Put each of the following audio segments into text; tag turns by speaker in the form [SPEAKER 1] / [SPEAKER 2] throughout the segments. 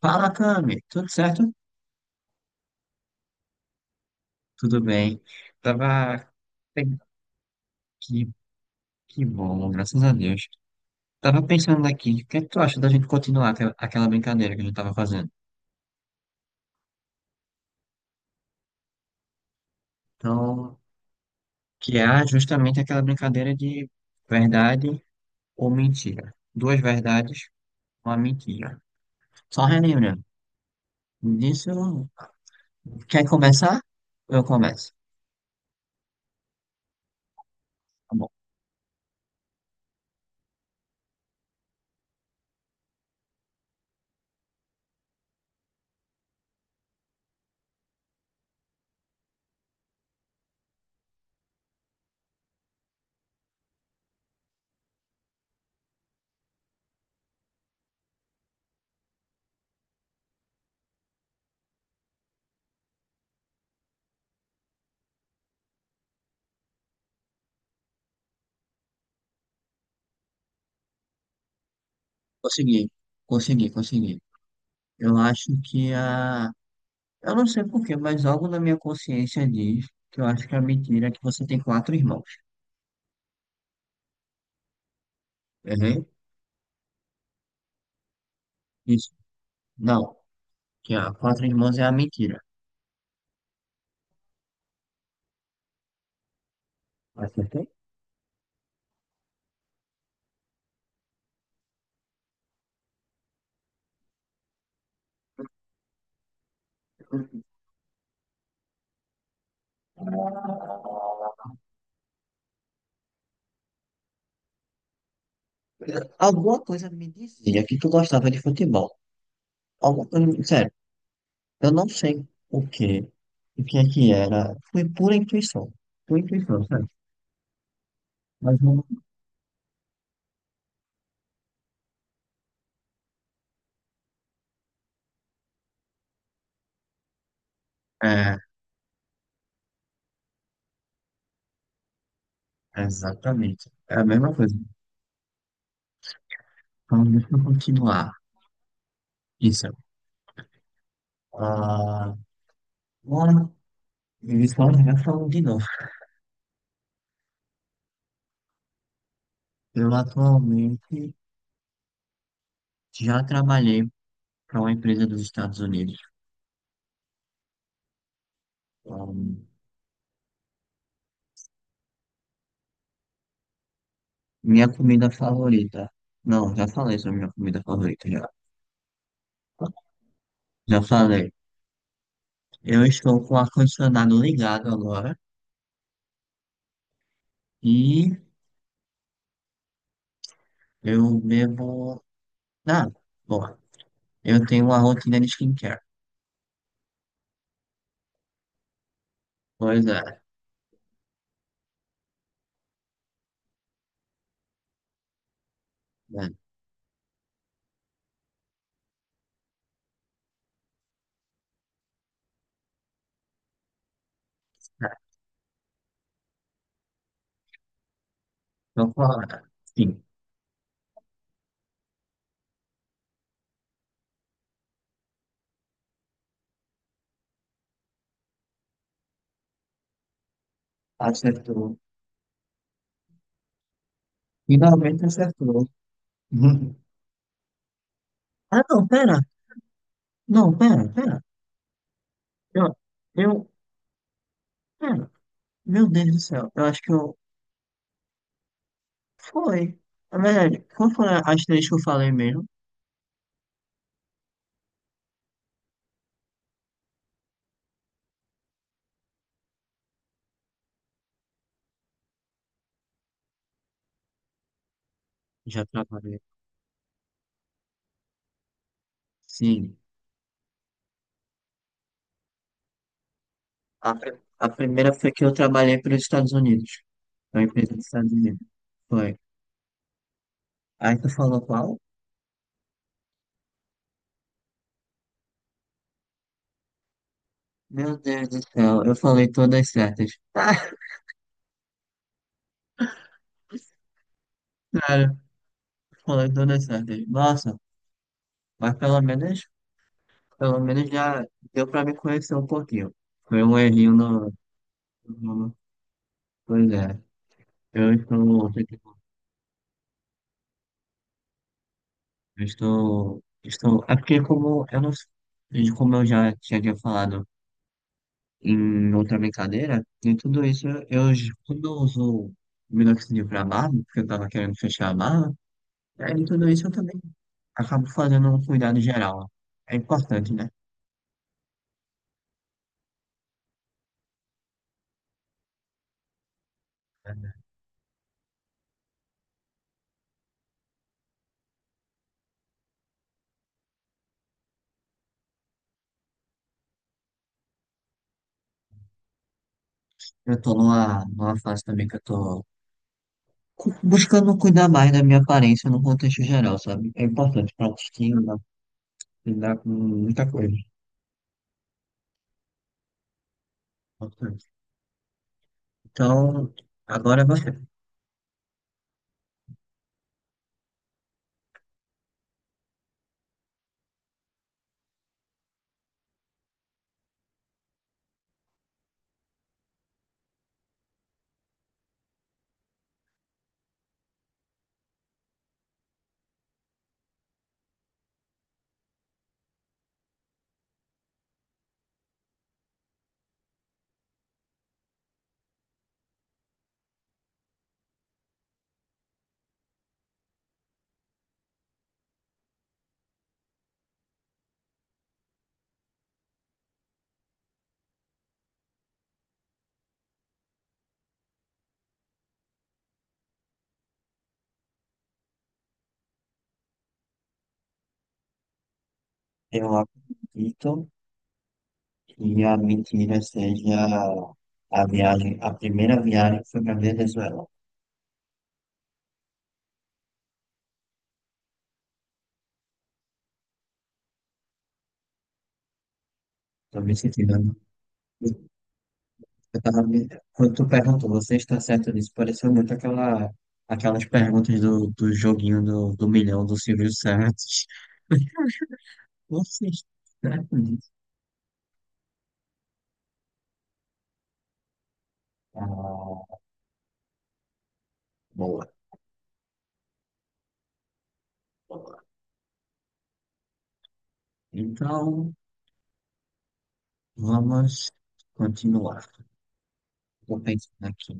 [SPEAKER 1] Fala, Cami. Tudo certo? Tudo bem. Tava. pen- Que, que bom, graças a Deus. Tava pensando aqui, o que é que tu acha da gente continuar aquela brincadeira que a gente tava fazendo? Então, que é justamente aquela brincadeira de verdade ou mentira. Duas verdades, uma mentira. Só relembrando, disso, quer começar? Eu começo. Tá bom. Consegui, consegui, consegui. Eu acho que a Eu não sei por quê, mas algo na minha consciência diz que eu acho que a mentira é que você tem quatro irmãos. Errei? Isso. Não. Que a quatro irmãos é a mentira. Acertei? Alguma coisa me dizia que tu gostava de futebol. Alguma coisa, sério, eu não sei o que é que era. Foi pura intuição. Pura intuição, sabe? Mas não. É, exatamente. É a mesma coisa. Então, deixa eu continuar. Isso. Ah, bora. Eles falam, já falam de novo. Eu atualmente. Já trabalhei para uma empresa dos Estados Unidos. Ahn, minha comida favorita. Não, já falei sobre minha comida favorita, já. Já falei. Eu estou com o ar-condicionado ligado agora e eu bebo. Ah, bom, eu tenho uma rotina de skincare. Pois é. Né? É, então, qual é? Sim, acertou. Finalmente acertou. Ah, não, pera. Não, pera, pera. Eu, eu, pera. Meu Deus do céu. Eu acho que eu Foi. Na verdade, como foram as três que eu falei mesmo? Já trabalhei. Sim. A, pri- a primeira foi que eu trabalhei para os Estados Unidos. Uma empresa dos Estados Unidos. Foi. Aí tu falou qual? Meu Deus do céu, eu falei todas certas. Ah, cara, falei todas certas. Nossa, mas pelo menos já deu pra me conhecer um pouquinho. Foi um errinho no... Pois é. Eu estou. Estou. É porque como eu não, como eu já tinha falado em outra brincadeira, e tudo isso eu quando eu uso minoxidil para barba, porque eu tava querendo fechar a barba, aí em tudo isso eu também acabo fazendo um cuidado geral. É importante, né? Eu tô numa fase também que eu tô buscando cuidar mais da minha aparência no contexto geral, sabe? É importante pra autoestima, lidar com muita coisa. Importante. Então, agora você. Eu acredito que a mentira seja a viagem, a primeira viagem que foi para Venezuela. Estou me sentindo. Né? Eu tava me... Quando tu perguntou, você está certo disso? Pareceu muito aquela, aquelas perguntas do joguinho do milhão do Silvio Santos. Você está certo disso? Ah, boa, boa. Então, vamos continuar. Estou pensando aqui.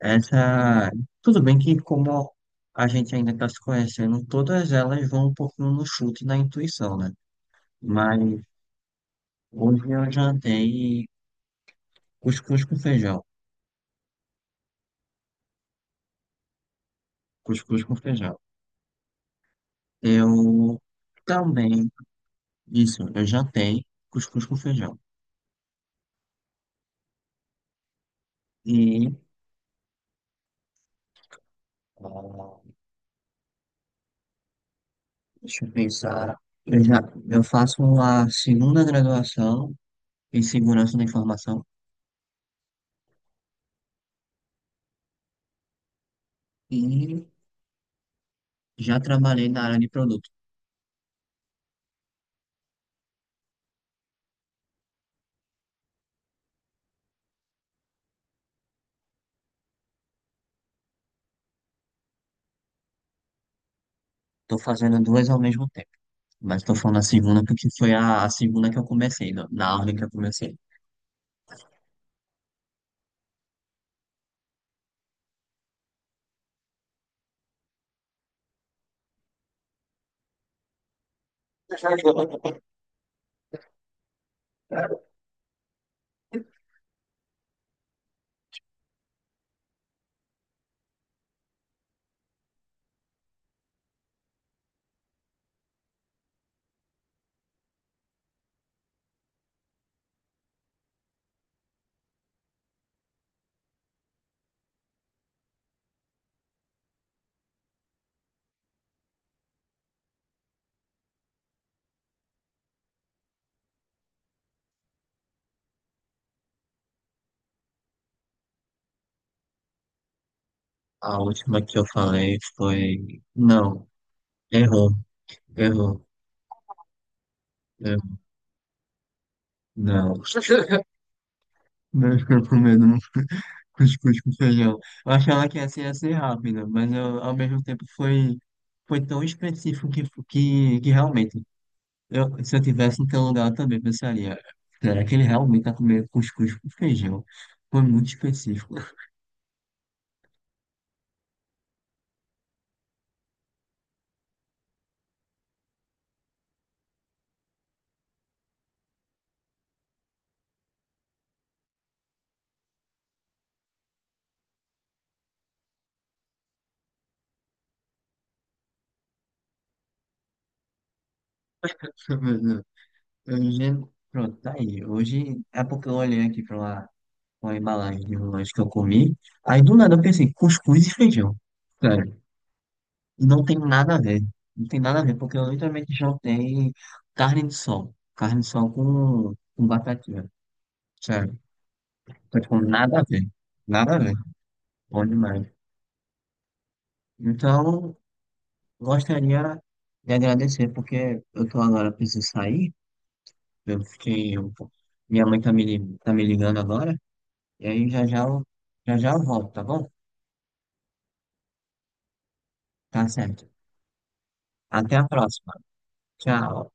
[SPEAKER 1] Essa, tudo bem que como a gente ainda está se conhecendo, todas elas vão um pouquinho no chute e na intuição, né? Mas hoje eu jantei cuscuz com feijão, cuscuz com feijão. Eu também, isso, eu jantei cuscuz com feijão. E, ah, deixa eu pensar, eu já, eu faço a segunda graduação em segurança da informação e já trabalhei na área de produtos. Tô fazendo duas ao mesmo tempo. Mas tô falando a segunda porque foi a segunda que eu comecei, na ordem que eu comecei. A última que eu falei foi. Não, errou, errou, errou. Não. Não, ficou com medo, não cuscuz com feijão. Eu achava que essa ia ser rápida, mas eu, ao mesmo tempo foi, foi tão específico que realmente, eu, se eu tivesse no teu lugar, eu também pensaria, será que ele realmente tá comendo cuscuz com feijão? Foi muito específico. Mas não. Eu pronto, tá aí. Hoje é porque eu olhei aqui pra uma embalagem de um lanche que eu comi. Aí do nada eu pensei, cuscuz e feijão. Sério. E não tem nada a ver. Não tem nada a ver, porque eu literalmente jantei carne de sol. Carne de sol com batatinha. Sério. Então, tipo, nada a ver. Nada a ver. Bom demais. Então, gostaria de agradecer, porque eu tô agora, preciso sair. Eu fiquei um pouco. Minha mãe tá me, tá me ligando agora. E aí já já eu volto, tá bom? Tá certo. Até a próxima. Tchau.